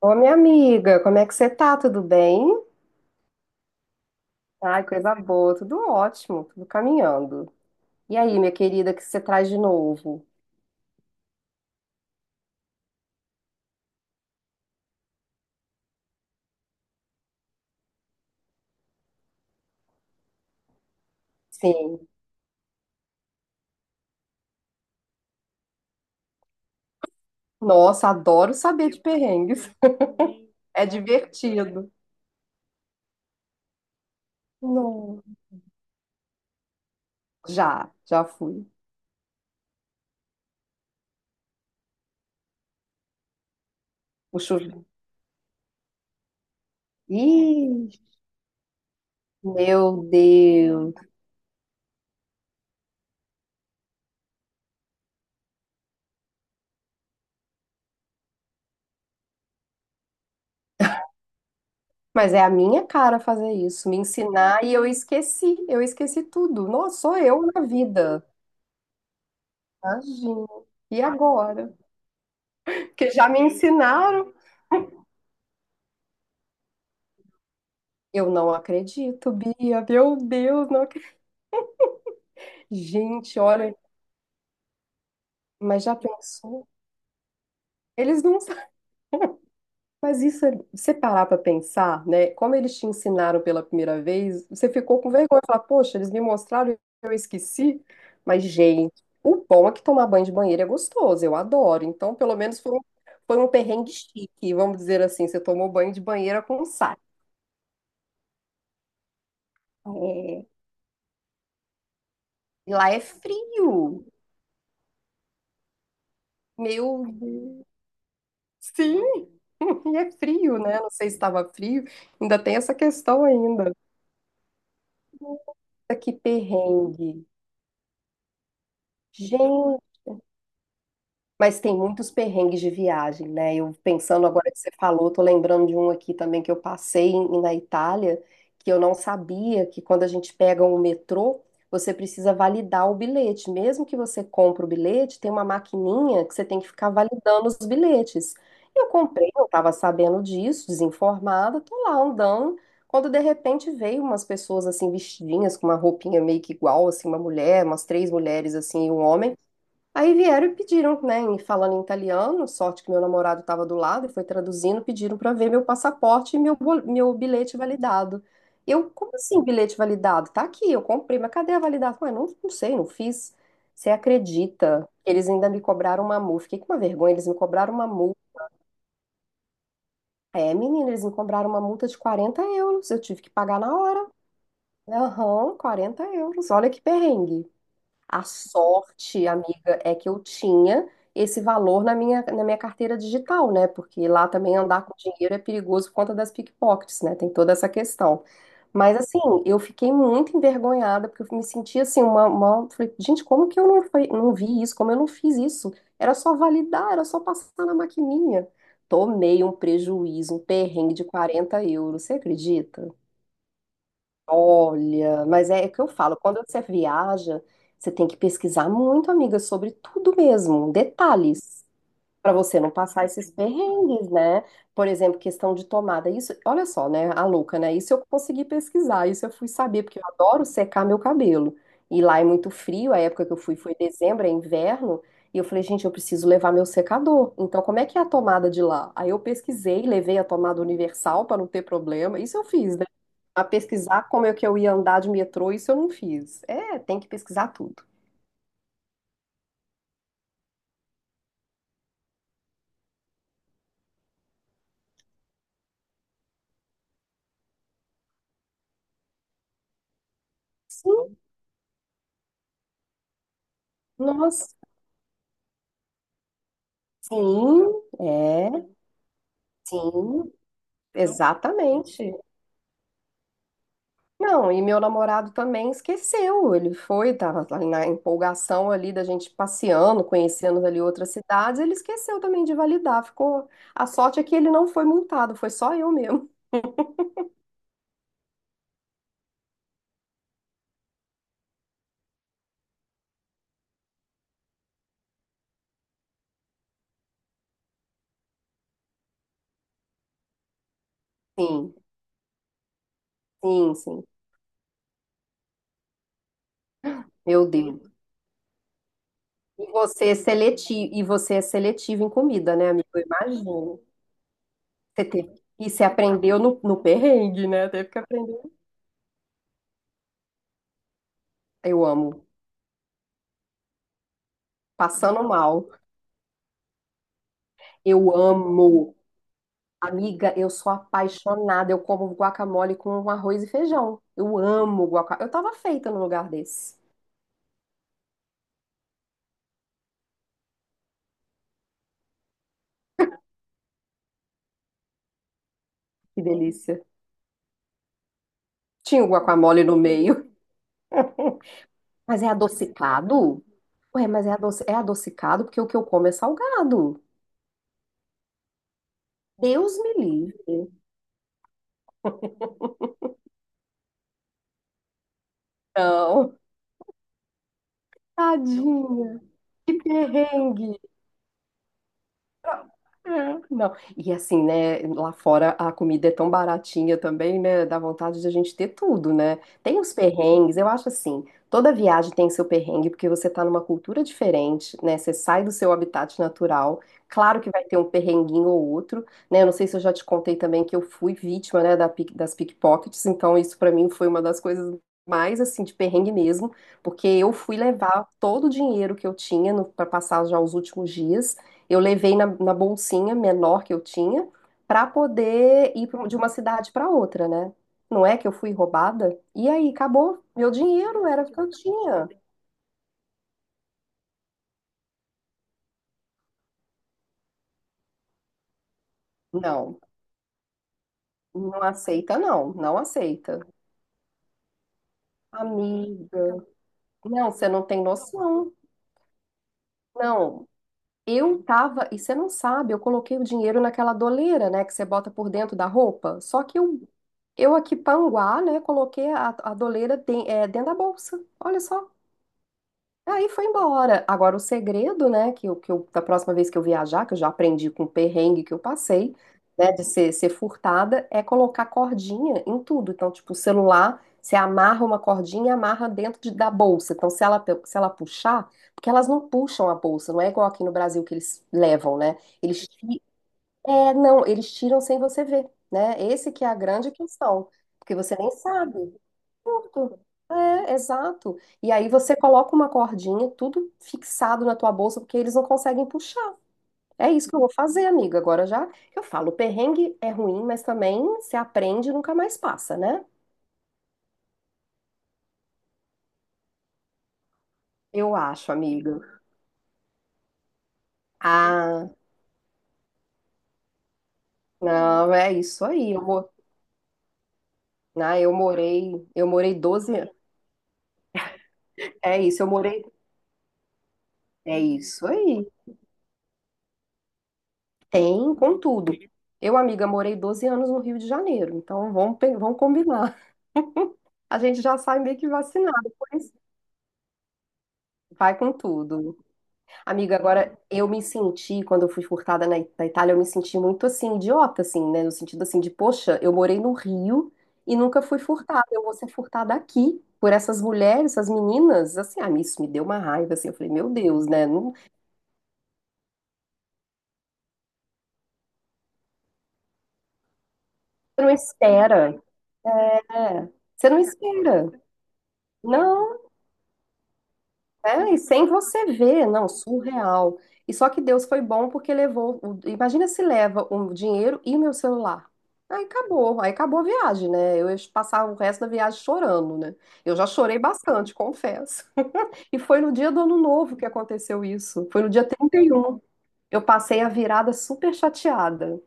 Ô, minha amiga, como é que você tá? Tudo bem? Ai, coisa boa, tudo ótimo, tudo caminhando. E aí, minha querida, o que você traz de novo? Sim. Nossa, adoro saber de perrengues. É divertido. Não. Já, já fui. O chuveiro. Ih, meu Deus. Mas é a minha cara fazer isso, me ensinar e eu esqueci. Eu esqueci tudo. Nossa, sou eu na vida. Imagina. E agora? Porque já me ensinaram. Eu não acredito, Bia. Meu Deus, não acredito. Gente, olha, mas já pensou? Eles não sabem. Mas isso, você parar pra pensar, né? Como eles te ensinaram pela primeira vez, você ficou com vergonha e falar, poxa, eles me mostraram e eu esqueci. Mas, gente, o bom é que tomar banho de banheiro é gostoso, eu adoro. Então, pelo menos foi um perrengue chique, vamos dizer assim. Você tomou banho de banheira com um saco. É. E lá é frio. Meu Deus. Sim, e é frio, né? Não sei se estava frio, ainda tem essa questão ainda. Olha que perrengue. Gente. Mas tem muitos perrengues de viagem, né? Eu pensando agora que você falou, tô lembrando de um aqui também que eu passei na Itália, que eu não sabia que quando a gente pega o metrô, você precisa validar o bilhete. Mesmo que você compre o bilhete, tem uma maquininha que você tem que ficar validando os bilhetes. Eu comprei, não estava sabendo disso, desinformada, tô lá andando. Quando de repente veio umas pessoas assim vestidinhas com uma roupinha meio que igual, assim, uma mulher, umas três mulheres assim, e um homem. Aí vieram e pediram, né, falando em italiano, sorte que meu namorado estava do lado e foi traduzindo, pediram para ver meu passaporte e meu bilhete validado. Eu, como assim bilhete validado? Tá aqui, eu comprei, mas cadê a validação? Ué, não, não sei, não fiz. Você acredita? Eles ainda me cobraram uma multa. Fiquei com uma vergonha, eles me cobraram uma multa. É, menina, eles me cobraram uma multa de 40 euros. Eu tive que pagar na hora. Aham, 40 euros. Olha que perrengue. A sorte, amiga, é que eu tinha esse valor na minha carteira digital, né? Porque lá também andar com dinheiro é perigoso por conta das pickpockets, né? Tem toda essa questão. Mas assim, eu fiquei muito envergonhada, porque eu me senti assim, uma... Falei, gente, como que eu não, não vi isso? Como eu não fiz isso? Era só validar, era só passar na maquininha. Tomei um prejuízo, um perrengue de 40 euros, você acredita? Olha, mas é o que eu falo, quando você viaja, você tem que pesquisar muito, amiga, sobre tudo mesmo, detalhes, para você não passar esses perrengues, né? Por exemplo, questão de tomada. Isso, olha só, né, a louca, né? Isso eu consegui pesquisar, isso eu fui saber, porque eu adoro secar meu cabelo. E lá é muito frio, a época que eu fui foi dezembro, é inverno, e eu falei, gente, eu preciso levar meu secador. Então, como é que é a tomada de lá? Aí eu pesquisei, levei a tomada universal para não ter problema. Isso eu fiz, a pesquisar como é que eu ia andar de metrô, isso eu não fiz. É, tem que pesquisar tudo. Sim, nossa, sim, é, sim, exatamente. Não, e meu namorado também esqueceu. Ele foi, tava lá na empolgação ali da gente passeando, conhecendo ali outras cidades, ele esqueceu também de validar. Ficou. A sorte é que ele não foi multado, foi só eu mesmo. Sim, sim, sim. Meu Deus. E você é seletivo, e você é seletivo em comida, né, amigo? Eu imagino. Você teve... E você aprendeu no perrengue, né? Teve que aprender. Eu amo. Passando mal. Eu amo. Amiga, eu sou apaixonada. Eu como guacamole com arroz e feijão. Eu amo guacamole. Eu tava feita num lugar desse. Que delícia. Tinha o guacamole no meio. Mas é adocicado? Ué, mas é, é adocicado porque o que eu como é salgado. Deus me livre. Não. Tadinha. Que perrengue. É. Não, e assim, né, lá fora a comida é tão baratinha também, né, dá vontade de a gente ter tudo, né? Tem os perrengues, eu acho assim, toda viagem tem seu perrengue, porque você tá numa cultura diferente, né, você sai do seu habitat natural, claro que vai ter um perrenguinho ou outro, né, eu não sei se eu já te contei também que eu fui vítima, né, da das pickpockets, então isso pra mim foi uma das coisas mais, assim, de perrengue mesmo, porque eu fui levar todo o dinheiro que eu tinha para passar já os últimos dias, eu levei na bolsinha menor que eu tinha para poder ir pra de uma cidade para outra, né? Não é que eu fui roubada? E aí, acabou. Meu dinheiro era o que eu tinha. Não, não aceita, não, não aceita. Amiga, não, você não tem noção. Não, eu tava, e você não sabe, eu coloquei o dinheiro naquela doleira, né, que você bota por dentro da roupa. Só que eu aqui panguá, né, coloquei a doleira é, dentro da bolsa. Olha só. Aí foi embora. Agora, o segredo, né, que eu, da próxima vez que eu viajar, que eu já aprendi com o perrengue que eu passei, né, de ser, ser furtada, é colocar cordinha em tudo. Então, tipo, o celular, você amarra uma cordinha e amarra dentro da bolsa. Então, se ela, se ela puxar, porque elas não puxam a bolsa, não é igual aqui no Brasil que eles levam, né? Eles, é, não, eles tiram sem você ver, né? Esse que é a grande questão, porque você nem sabe. Pronto. É, exato. E aí você coloca uma cordinha, tudo fixado na tua bolsa, porque eles não conseguem puxar. É isso que eu vou fazer, amiga. Agora já eu falo, o perrengue é ruim, mas também se aprende e nunca mais passa, né? Eu acho, amiga. Ah, não, é isso aí. Eu, ah, eu morei 12 anos. É isso, eu morei. É isso aí. Tem, contudo. Eu, amiga, morei 12 anos no Rio de Janeiro, então vamos combinar. A gente já sai meio que vacinado. Vai com tudo. Amiga, agora eu me senti, quando eu fui furtada na Itália, eu me senti muito assim, idiota, assim, né? No sentido assim de, poxa, eu morei no Rio e nunca fui furtada. Eu vou ser furtada aqui por essas mulheres, essas meninas. Assim, ah, isso me deu uma raiva, assim. Eu falei, meu Deus, né? Não, você não espera. É, você não espera. Não. É, e sem você ver, não, surreal. E só que Deus foi bom porque levou. Imagina se leva o dinheiro e o meu celular. Aí acabou a viagem, né? Eu ia passar o resto da viagem chorando, né? Eu já chorei bastante, confesso. E foi no dia do Ano Novo que aconteceu isso. Foi no dia 31. Eu passei a virada super chateada.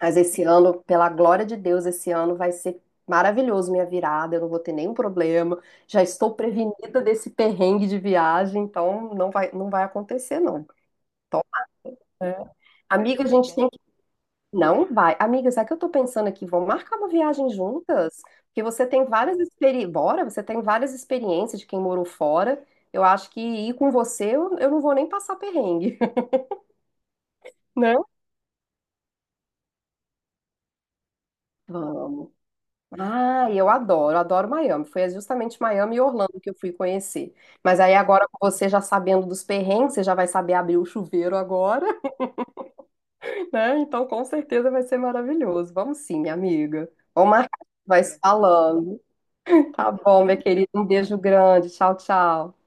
Mas esse ano, pela glória de Deus, esse ano vai ser maravilhoso minha virada, eu não vou ter nenhum problema. Já estou prevenida desse perrengue de viagem, então não vai, não vai acontecer, não. Então, é, amiga, a gente tem que. Não vai. Amiga, sabe o que eu tô pensando aqui? Vamos marcar uma viagem juntas? Porque você tem várias experiências. Bora, você tem várias experiências de quem morou fora. Eu acho que ir com você, eu não vou nem passar perrengue, né? Vamos. Ah, e eu adoro, adoro Miami. Foi justamente Miami e Orlando que eu fui conhecer. Mas aí agora com você já sabendo dos perrengues, você já vai saber abrir o chuveiro agora, né? Então com certeza vai ser maravilhoso. Vamos sim, minha amiga. Vamos marcar, vai se falando. Tá bom, minha querida. Um beijo grande. Tchau, tchau.